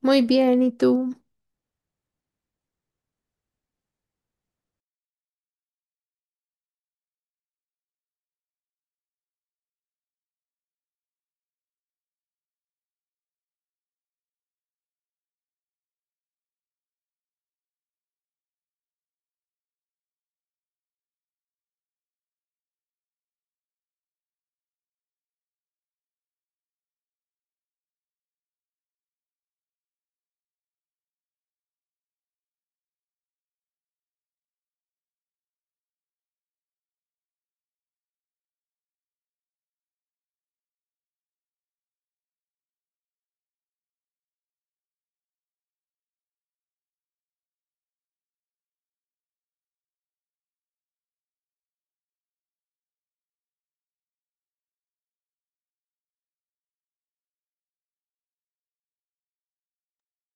Muy bien, ¿y tú?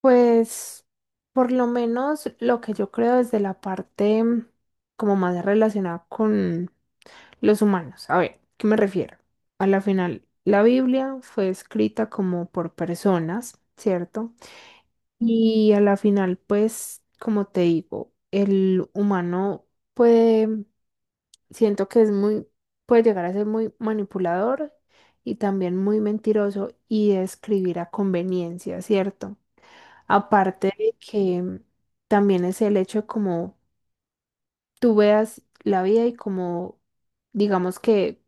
Pues por lo menos lo que yo creo desde la parte como más relacionada con los humanos. A ver, ¿qué me refiero? A la final, la Biblia fue escrita como por personas, ¿cierto? Y a la final, pues, como te digo, el humano puede, mm, siento que es muy, puede llegar a ser muy manipulador y también muy mentiroso y escribir a conveniencia, ¿cierto? Aparte de que también es el hecho de cómo tú veas la vida y cómo, digamos que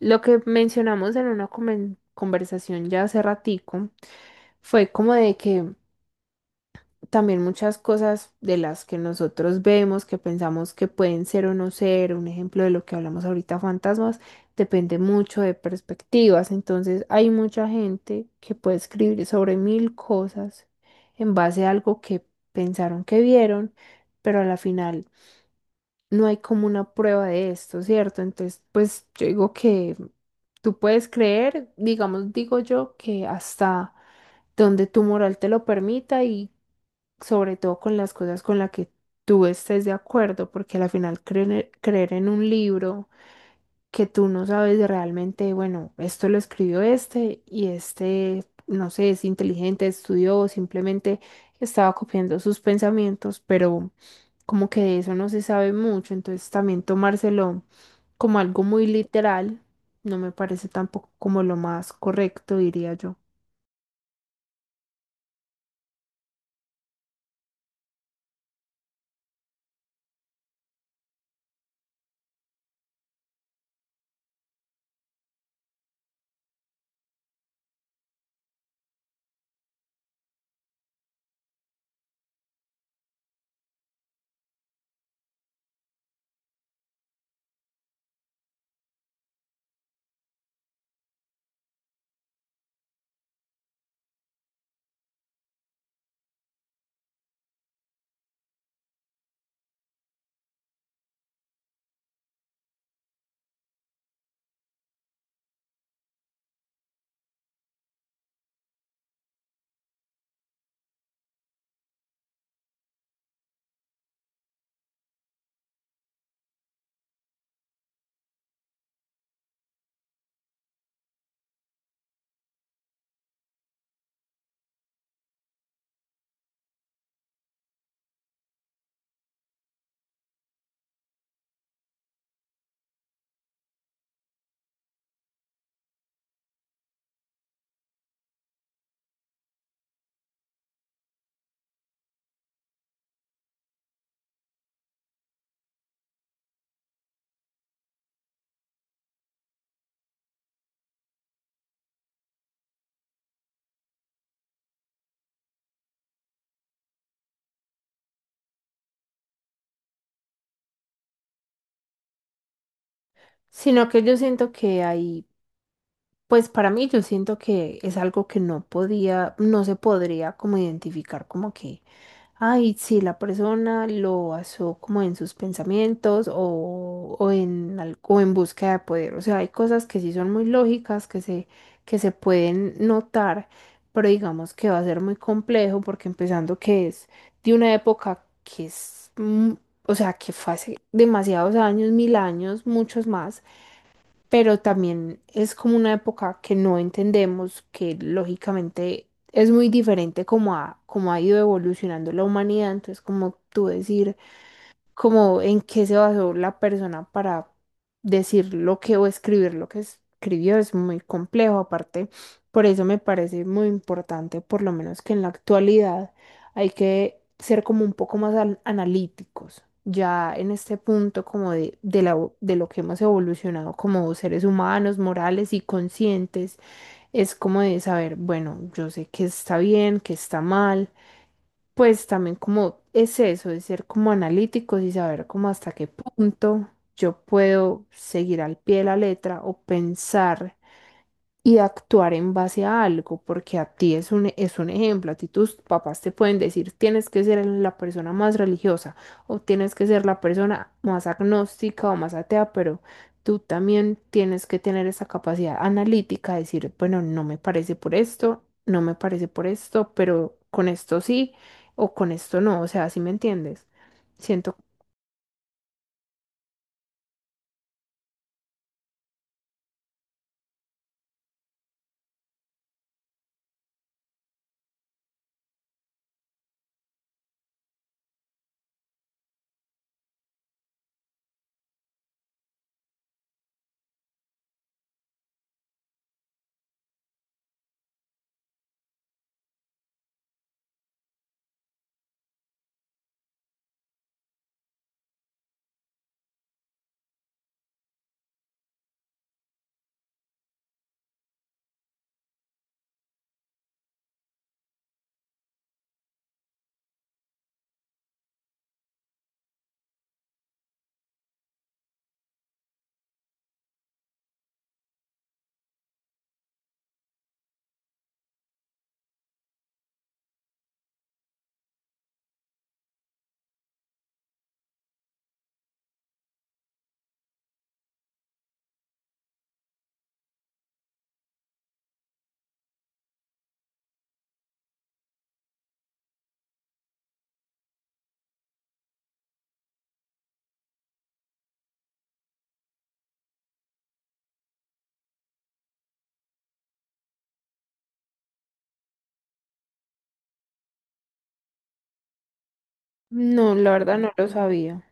lo que mencionamos en una conversación ya hace ratico fue como de que también muchas cosas de las que nosotros vemos, que pensamos que pueden ser o no ser, un ejemplo de lo que hablamos ahorita, fantasmas, depende mucho de perspectivas. Entonces hay mucha gente que puede escribir sobre mil cosas en base a algo que pensaron que vieron, pero a la final no hay como una prueba de esto, ¿cierto? Entonces, pues yo digo que tú puedes creer, digamos, digo yo, que hasta donde tu moral te lo permita y sobre todo con las cosas con las que tú estés de acuerdo, porque al final creer, creer en un libro que tú no sabes realmente, bueno, esto lo escribió este y este, no sé, es inteligente, estudió, o simplemente estaba copiando sus pensamientos, pero como que de eso no se sabe mucho, entonces también tomárselo como algo muy literal no me parece tampoco como lo más correcto, diría yo, sino que yo siento que hay pues para mí yo siento que es algo que no podía, no se podría como identificar como que, ay, si la persona lo basó como en sus pensamientos o o en búsqueda de poder. O sea, hay cosas que sí son muy lógicas, que se pueden notar, pero digamos que va a ser muy complejo porque empezando que es de una época que es, o sea, que fue hace demasiados años, mil años, muchos más, pero también es como una época que no entendemos, que lógicamente es muy diferente como como ha ido evolucionando la humanidad, entonces como tú decir, como en qué se basó la persona para decir lo que o escribir lo que escribió es muy complejo. Aparte, por eso me parece muy importante, por lo menos que en la actualidad hay que ser como un poco más analíticos. Ya en este punto como de lo que hemos evolucionado como seres humanos, morales y conscientes, es como de saber, bueno, yo sé que está bien, que está mal, pues también como es eso, de ser como analíticos y saber como hasta qué punto yo puedo seguir al pie de la letra o pensar y actuar en base a algo, porque a ti es un ejemplo, a ti tus papás te pueden decir, tienes que ser la persona más religiosa o tienes que ser la persona más agnóstica o más atea, pero tú también tienes que tener esa capacidad analítica de decir, bueno, no me parece por esto, no me parece por esto, pero con esto sí o con esto no, o sea, ¿si me entiendes? Siento, no, la verdad no lo sabía.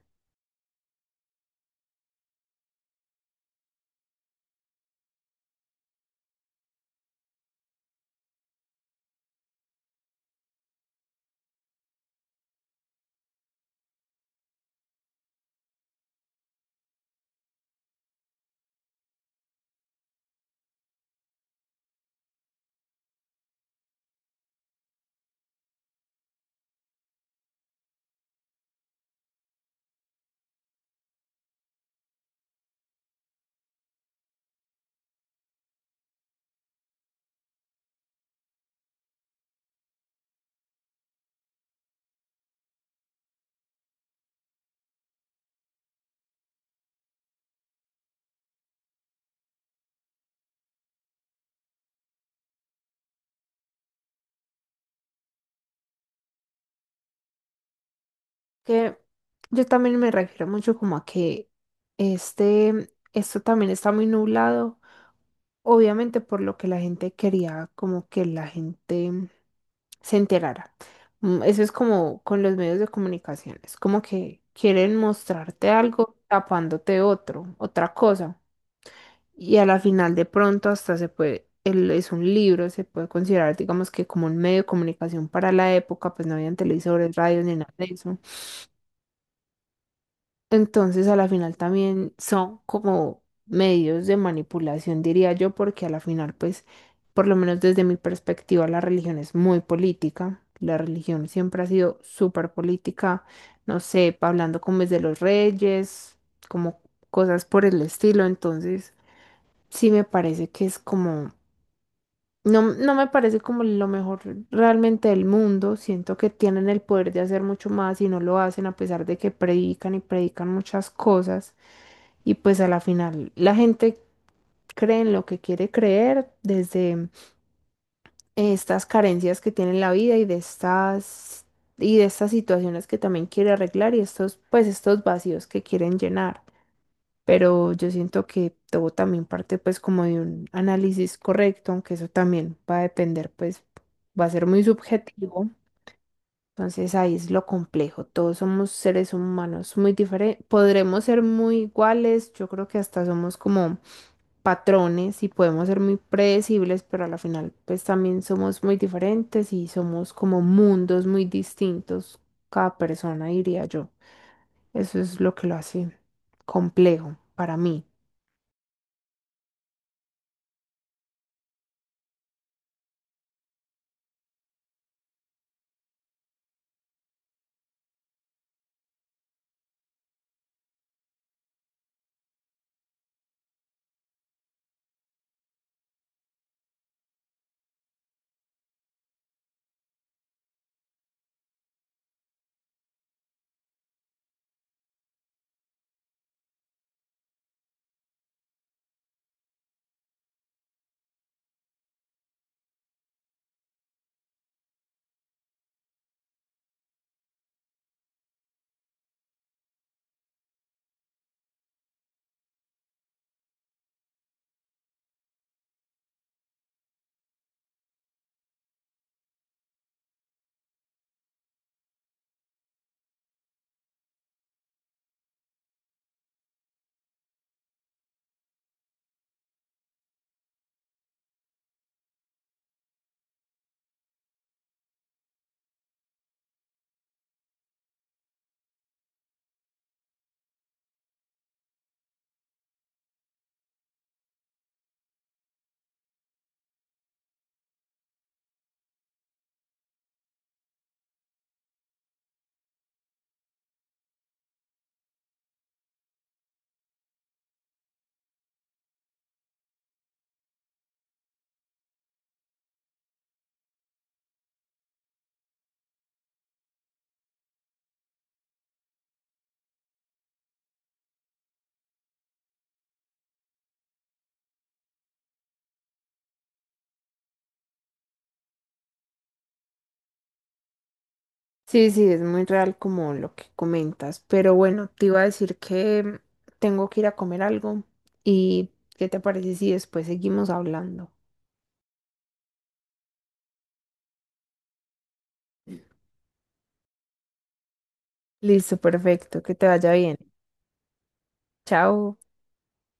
Que yo también me refiero mucho como a que este, esto también está muy nublado, obviamente por lo que la gente quería, como que la gente se enterara. Eso es como con los medios de comunicación, es como que quieren mostrarte algo tapándote otro, otra cosa. Y a la final de pronto hasta se puede, es un libro, se puede considerar, digamos que como un medio de comunicación para la época, pues no habían televisores, radios ni nada de eso. Entonces, a la final también son como medios de manipulación, diría yo, porque a la final, pues, por lo menos desde mi perspectiva, la religión es muy política. La religión siempre ha sido súper política, no sé, hablando como es de los reyes, como cosas por el estilo. Entonces, sí me parece que es como, no, no me parece como lo mejor realmente del mundo. Siento que tienen el poder de hacer mucho más y no lo hacen a pesar de que predican y predican muchas cosas. Y pues a la final la gente cree en lo que quiere creer desde estas carencias que tiene en la vida y de estas situaciones que también quiere arreglar y estos, pues estos vacíos que quieren llenar. Pero yo siento que todo también parte pues como de un análisis correcto, aunque eso también va a depender, pues va a ser muy subjetivo. Entonces ahí es lo complejo. Todos somos seres humanos muy diferentes. Podremos ser muy iguales. Yo creo que hasta somos como patrones y podemos ser muy predecibles, pero a la final pues también somos muy diferentes y somos como mundos muy distintos cada persona, diría yo. Eso es lo que lo hace complejo para mí. Sí, sí, es muy real como lo que comentas, pero bueno, te iba a decir que tengo que ir a comer algo y ¿qué te parece si después seguimos hablando? Listo, perfecto, que te vaya bien. Chao.